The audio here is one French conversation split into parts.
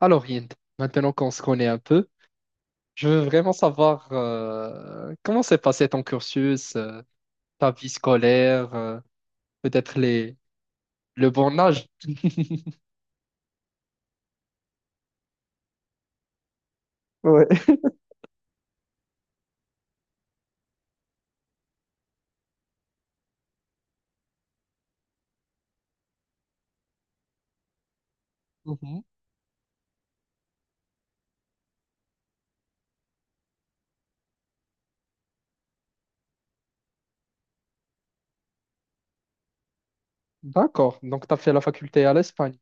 Alors, Hind, maintenant qu'on se connaît un peu, je veux vraiment savoir comment s'est passé ton cursus, ta vie scolaire, peut-être les, le bon âge. Ouais. Mhm. D'accord, donc tu as fait la faculté à l'Espagne.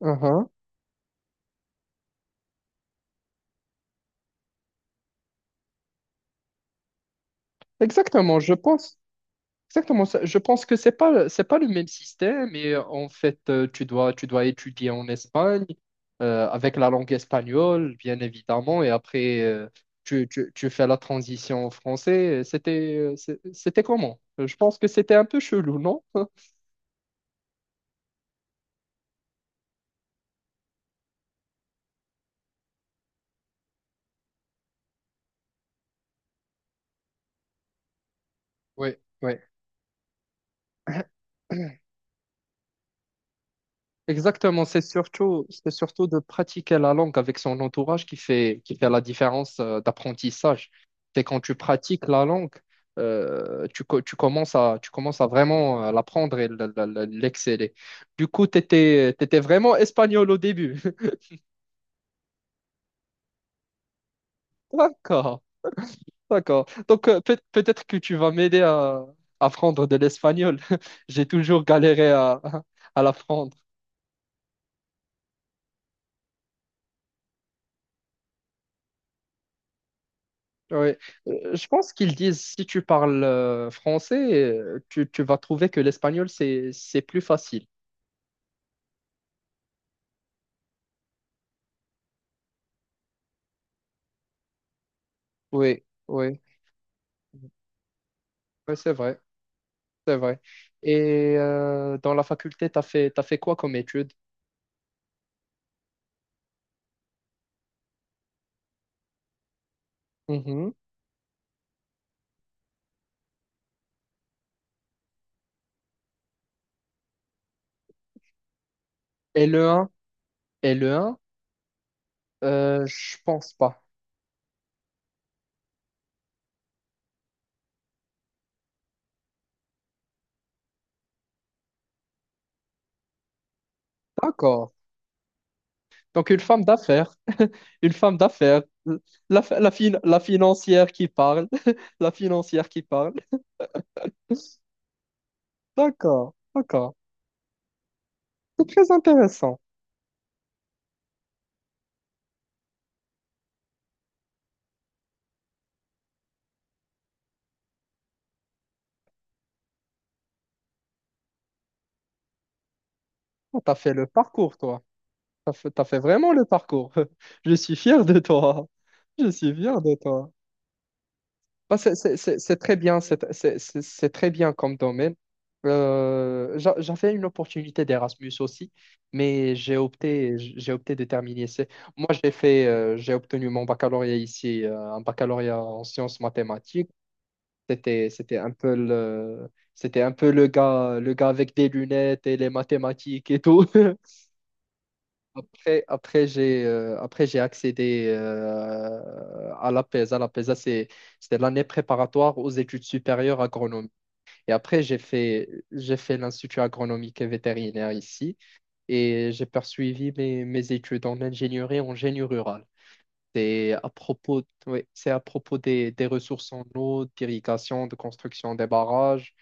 Uh-huh. Exactement, je pense. Exactement ça. Je pense que c'est pas le même système et en fait tu dois étudier en Espagne avec la langue espagnole bien évidemment et après tu fais la transition en français. C'était comment? Je pense que c'était un peu chelou, non? Oui, oui. Exactement, c'est surtout de pratiquer la langue avec son entourage qui fait la différence d'apprentissage. C'est quand tu pratiques la langue, tu commences à vraiment l'apprendre et l'exceller. Du coup, tu étais, vraiment espagnol au début. D'accord, d'accord. Donc, peut-être que tu vas m'aider à apprendre de l'espagnol. J'ai toujours galéré à l'apprendre. Ouais. Je pense qu'ils disent si tu parles français, tu vas trouver que l'espagnol, c'est plus facile. Oui, oui, ouais, c'est vrai, c'est vrai. Et dans la faculté, t'as fait quoi comme études. Mhm. Et le 1? Et le 1? Je pense pas. D'accord. Donc une femme d'affaires, une femme d'affaires, la financière qui parle, la financière qui parle. D'accord, d'accord. C'est très intéressant. Oh, t'as fait le parcours, toi. T'as fait vraiment le parcours. Je suis fier de toi. Je suis fier de toi. Bah, c'est très bien, c'est très bien comme domaine. J'avais une opportunité d'Erasmus aussi, mais j'ai opté de terminer. Moi, j'ai obtenu mon baccalauréat ici, un baccalauréat en sciences mathématiques. C'était un peu le gars avec des lunettes et les mathématiques et tout. Après, après j'ai accédé à l'APESA. L'APESA, c'était l'année préparatoire aux études supérieures agronomiques. Et après, j'ai fait l'Institut agronomique et vétérinaire ici et j'ai poursuivi mes études en ingénierie en génie rural. C'est à propos, oui, c'est à propos des ressources en eau, d'irrigation, de construction des barrages.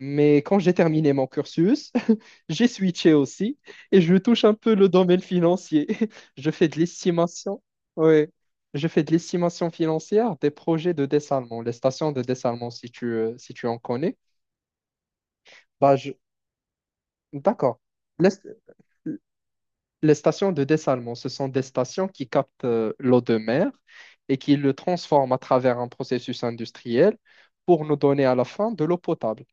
Mais quand j'ai terminé mon cursus, j'ai switché aussi et je touche un peu le domaine financier. Je fais de l'estimation. Ouais. Je fais de l'estimation financière des projets de dessalement, les stations de dessalement, si tu en connais. Bah, je... D'accord. Les, les stations de dessalement, ce sont des stations qui captent l'eau de mer et qui le transforment à travers un processus industriel pour nous donner à la fin de l'eau potable.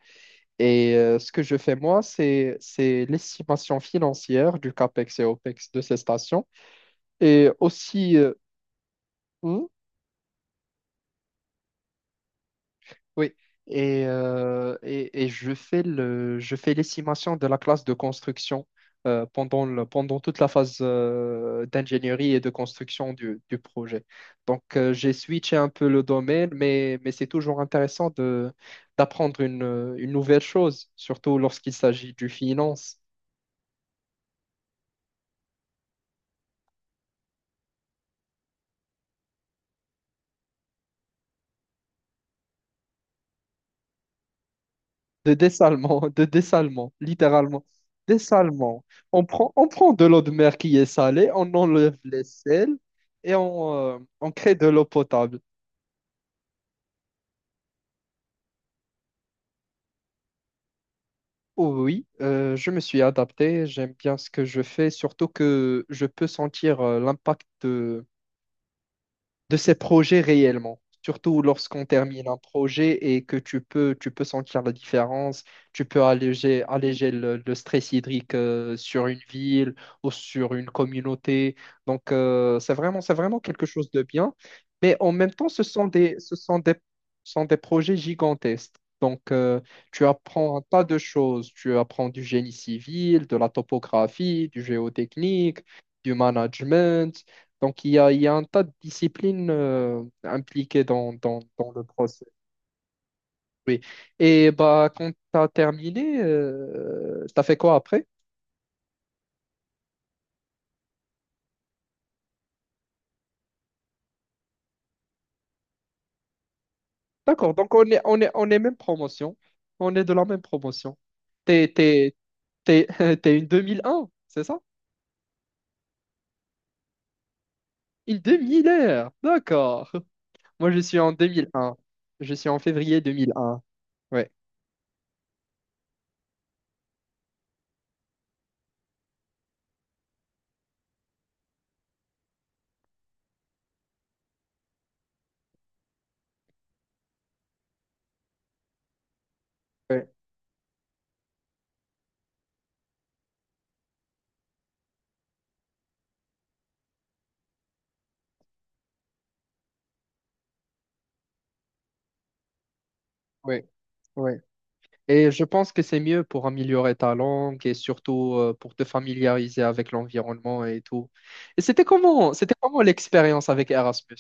Et ce que je fais moi, c'est l'estimation financière du CAPEX et OPEX de ces stations. Et aussi, hmm, oui, et je fais je fais l'estimation de la classe de construction pendant pendant toute la phase d'ingénierie et de construction du projet. Donc, j'ai switché un peu le domaine, mais c'est toujours intéressant d'apprendre une nouvelle chose, surtout lorsqu'il s'agit du finance. De dessalement, de dessalement, littéralement. Dessalement. On prend de l'eau de mer qui est salée, on enlève les sels et on crée de l'eau potable. Oh oui, je me suis adapté, j'aime bien ce que je fais, surtout que je peux sentir l'impact de ces projets réellement. Surtout lorsqu'on termine un projet et que tu peux sentir la différence, tu peux alléger le stress hydrique sur une ville ou sur une communauté. Donc, c'est vraiment quelque chose de bien. Mais en même temps, ce sont des projets gigantesques. Donc, tu apprends un tas de choses. Tu apprends du génie civil, de la topographie, du géotechnique, du management. Donc, il y a un tas de disciplines impliquées dans le procès. Oui. Et bah, quand tu as terminé, tu as fait quoi après? D'accord, donc on est même promotion. On est de la même promotion. T'es, t'es, t'es, t'es une 2001, c'est ça? Une 2000, d'accord. Moi, je suis en 2001. Je suis en février 2001. Ouais, ouais, ouais, ouais. Et je pense que c'est mieux pour améliorer ta langue et surtout pour te familiariser avec l'environnement et tout. Et c'était comment l'expérience avec Erasmus?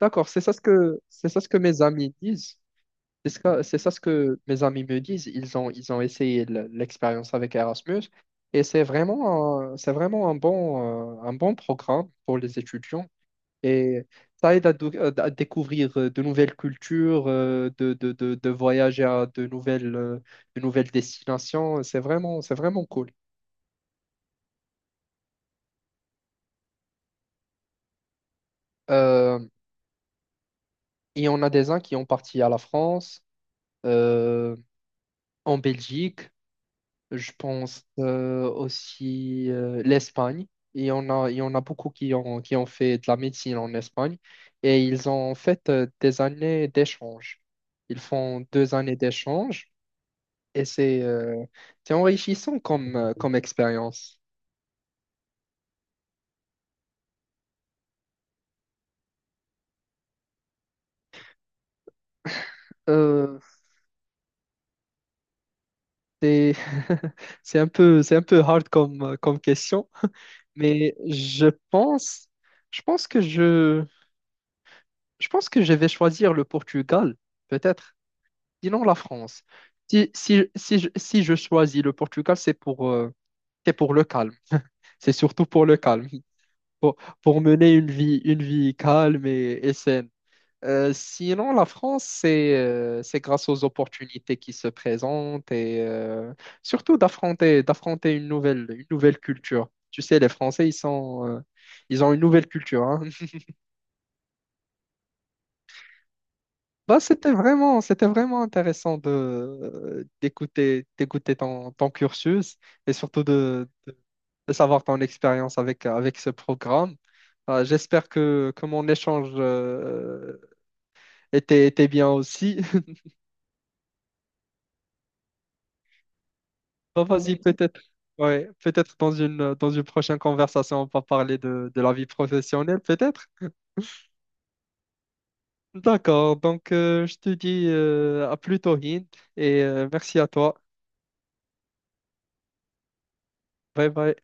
D'accord, c'est ça ce que mes amis disent. C'est ça ce que mes amis me disent. Ils ont essayé l'expérience avec Erasmus et c'est vraiment un bon programme pour les étudiants. Et ça aide à découvrir de nouvelles cultures, de voyager à de nouvelles destinations. C'est vraiment cool. Euh, et on a des uns qui ont parti à la France, euh, en Belgique, je pense aussi l'Espagne. Et il y en a beaucoup qui ont fait de la médecine en Espagne. Et ils ont fait des années d'échange. Ils font 2 années d'échange. Et c'est enrichissant comme expérience. Euh, c'est, c'est un peu hard comme question, mais je pense que je, je pense que je vais choisir le Portugal, peut-être, sinon la France. Si je choisis le Portugal, c'est pour le calme. C'est surtout pour le calme, pour, pour mener une vie, calme et saine. Sinon, la France, c'est grâce aux opportunités qui se présentent et surtout d'affronter une nouvelle culture. Tu sais, les Français, ils ont une nouvelle culture. Hein. Bah, c'était vraiment intéressant de d'écouter ton cursus et surtout de savoir ton expérience avec ce programme. J'espère que mon échange était bien aussi. Bah, vas-y, peut-être. Ouais, peut-être dans une prochaine conversation, on va parler de la vie professionnelle, peut-être. D'accord, donc je te dis à plus tôt, Hind, et merci à toi. Bye bye.